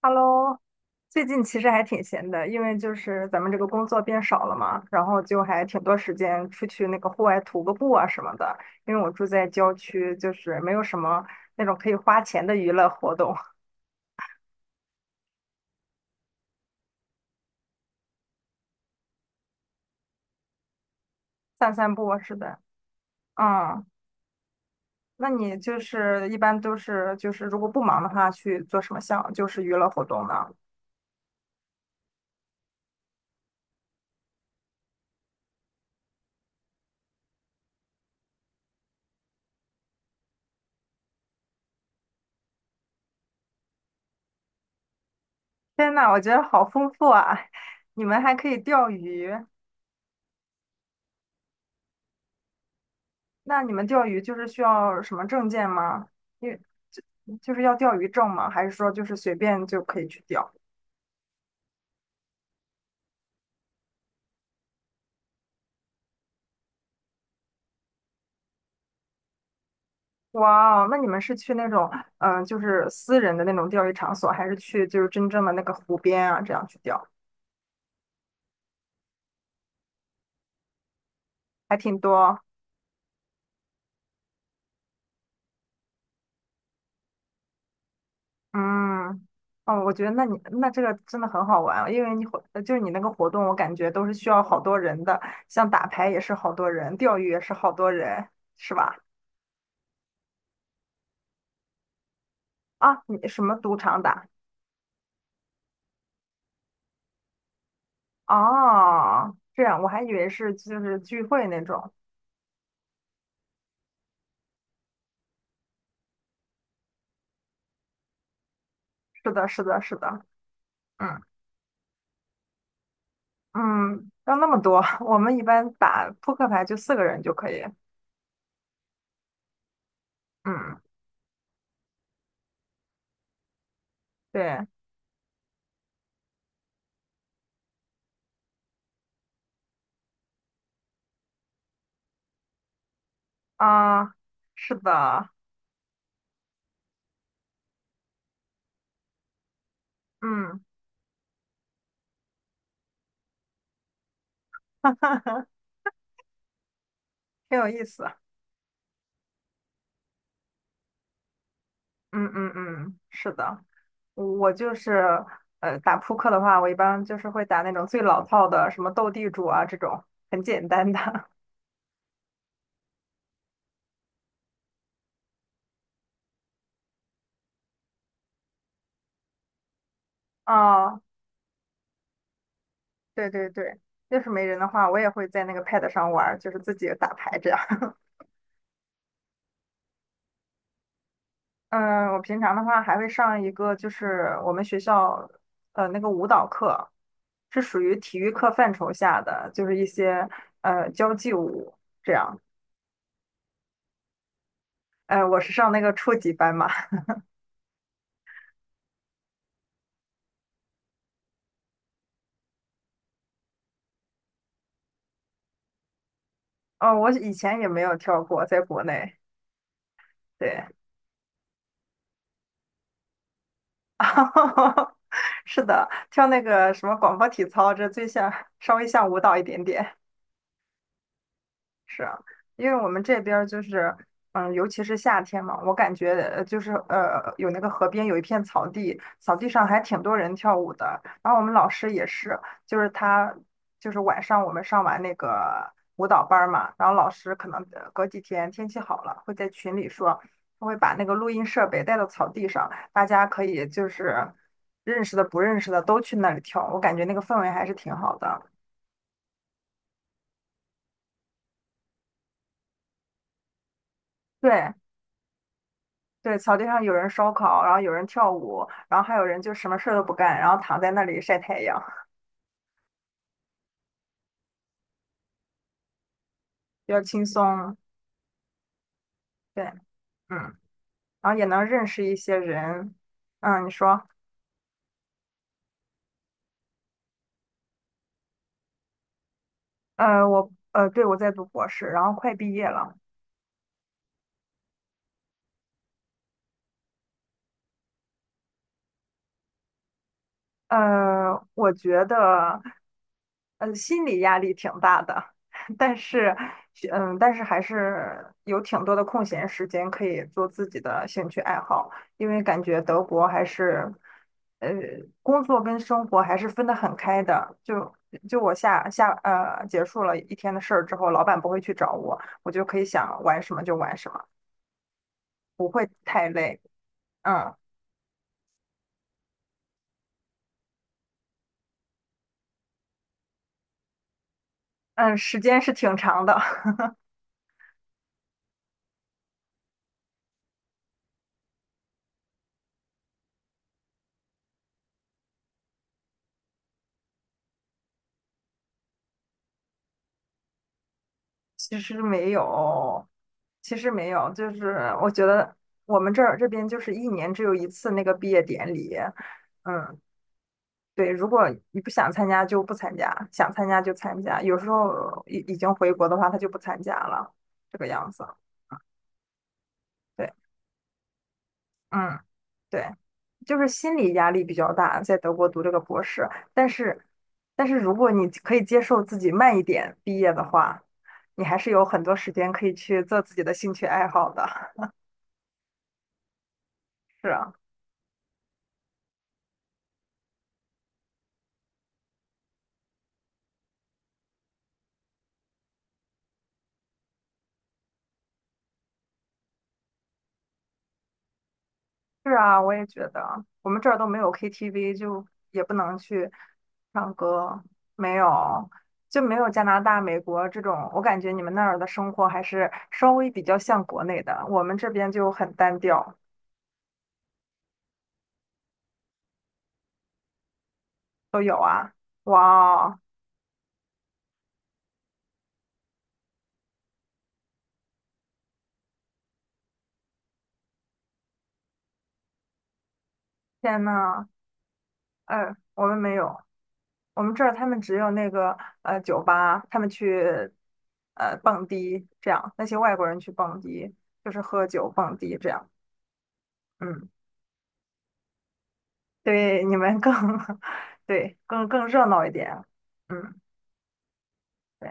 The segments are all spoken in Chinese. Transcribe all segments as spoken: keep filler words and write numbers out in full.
Hello，最近其实还挺闲的，因为就是咱们这个工作变少了嘛，然后就还挺多时间出去那个户外徒个步啊什么的。因为我住在郊区，就是没有什么那种可以花钱的娱乐活动。散散步啊是的。嗯，那你就是一般都是就是如果不忙的话，去做什么项就是娱乐活动呢？天呐，我觉得好丰富啊！你们还可以钓鱼。那你们钓鱼就是需要什么证件吗？因为就就是要钓鱼证吗？还是说就是随便就可以去钓？哇哦，那你们是去那种嗯、呃就是私人的那种钓鱼场所，还是去就是真正的那个湖边啊，这样去钓？还挺多。嗯，哦，我觉得那你那这个真的很好玩啊，因为你活呃就是你那个活动，我感觉都是需要好多人的，像打牌也是好多人，钓鱼也是好多人。是吧？啊，你什么赌场打？哦，这样，我还以为是就是聚会那种。是的，是的，是的。嗯嗯，要那么多，我们一般打扑克牌就四个人就可以。嗯，对啊，是的，嗯，哈哈哈，挺有意思。嗯嗯嗯，是的，我就是呃打扑克的话，我一般就是会打那种最老套的，什么斗地主啊这种很简单的。哦，对对对，要是没人的话，我也会在那个 pad 上玩儿，就是自己打牌这样。嗯，我平常的话还会上一个，就是我们学校呃那个舞蹈课，是属于体育课范畴下的，就是一些呃交际舞这样。呃，我是上那个初级班嘛。哦，我以前也没有跳过，在国内，对。是的，跳那个什么广播体操，这最像稍微像舞蹈一点点。是啊。因为我们这边儿就是，嗯，尤其是夏天嘛，我感觉呃就是呃，有那个河边有一片草地，草地上还挺多人跳舞的。然后我们老师也是，就是他就是晚上我们上完那个舞蹈班儿嘛，然后老师可能呃隔几天天气好了，会在群里说，他会把那个录音设备带到草地上，大家可以就是认识的不认识的都去那里跳，我感觉那个氛围还是挺好的。对，对，草地上有人烧烤，然后有人跳舞，然后还有人就什么事儿都不干，然后躺在那里晒太阳，比较轻松。对，嗯，然后也能认识一些人。嗯，你说。呃，我，呃，对，我在读博士，然后快毕业了。呃，我觉得，呃，心理压力挺大的，但是，嗯，但是还是有挺多的空闲时间可以做自己的兴趣爱好，因为感觉德国还是，呃，工作跟生活还是分得很开的。就就我下下呃结束了一天的事儿之后，老板不会去找我，我就可以想玩什么就玩什么，不会太累。嗯嗯，时间是挺长的。其实没有，其实没有，就是我觉得我们这儿这边就是一年只有一次那个毕业典礼。嗯，对，如果你不想参加就不参加，想参加就参加，有时候已已经回国的话，他就不参加了，这个样子。对，嗯，对，就是心理压力比较大，在德国读这个博士，但是但是如果你可以接受自己慢一点毕业的话，你还是有很多时间可以去做自己的兴趣爱好的。是啊。是啊，我也觉得，我们这儿都没有 K T V，就也不能去唱歌。没有，就没有加拿大、美国这种。我感觉你们那儿的生活还是稍微比较像国内的，我们这边就很单调。都有啊，哇哦，天呐。呃，我们没有，我们这儿他们只有那个呃酒吧，他们去呃蹦迪这样，那些外国人去蹦迪，就是喝酒蹦迪这样，嗯。对，你们更 对，更更热闹一点。嗯，对，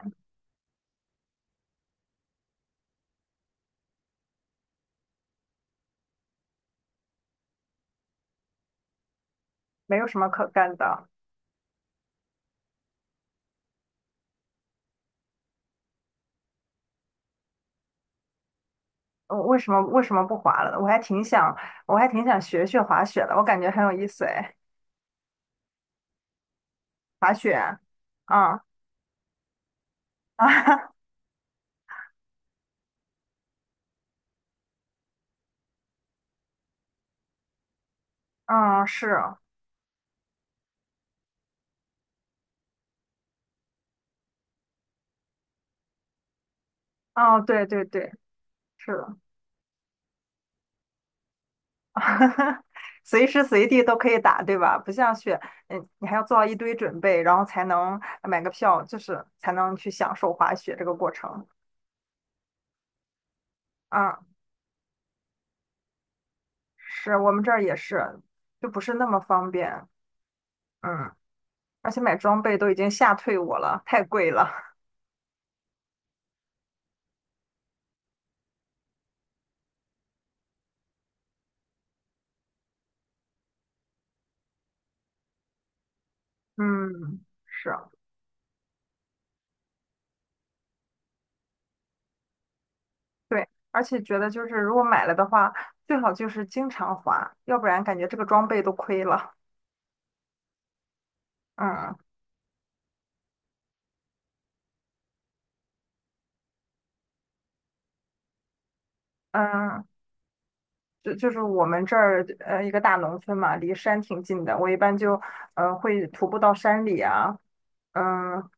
没有什么可干的。呃为什么为什么不滑了呢？我还挺想，我还挺想学学滑雪的，我感觉很有意思哎，滑雪。嗯啊，嗯，是，哦，对对对，是的。随时随地都可以打，对吧？不像雪，嗯，你还要做好一堆准备，然后才能买个票，就是才能去享受滑雪这个过程。嗯。是我们这儿也是，就不是那么方便。嗯，而且买装备都已经吓退我了，太贵了。嗯，是，对，而且觉得就是如果买了的话，最好就是经常花，要不然感觉这个装备都亏了。嗯嗯，就就是我们这儿呃一个大农村嘛，离山挺近的，我一般就呃会徒步到山里啊。嗯、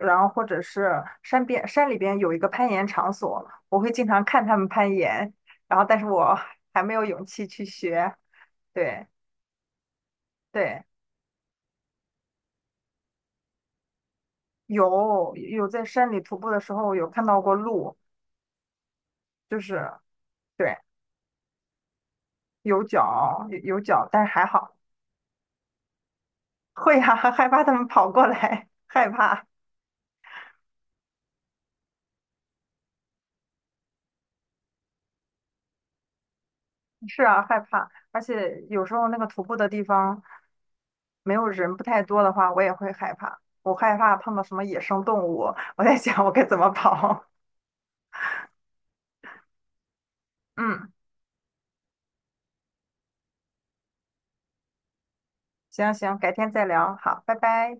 然后或者是山边山里边有一个攀岩场所，我会经常看他们攀岩，然后但是我 还没有勇气去学。对对，有有在山里徒步的时候有看到过鹿，就是对，有脚有有脚，但是还好。会呀，啊 害怕他们跑过来，害怕。是啊，害怕，而且有时候那个徒步的地方没有人不太多的话，我也会害怕。我害怕碰到什么野生动物，我在想我该怎么跑。嗯，行行，改天再聊，好，拜拜。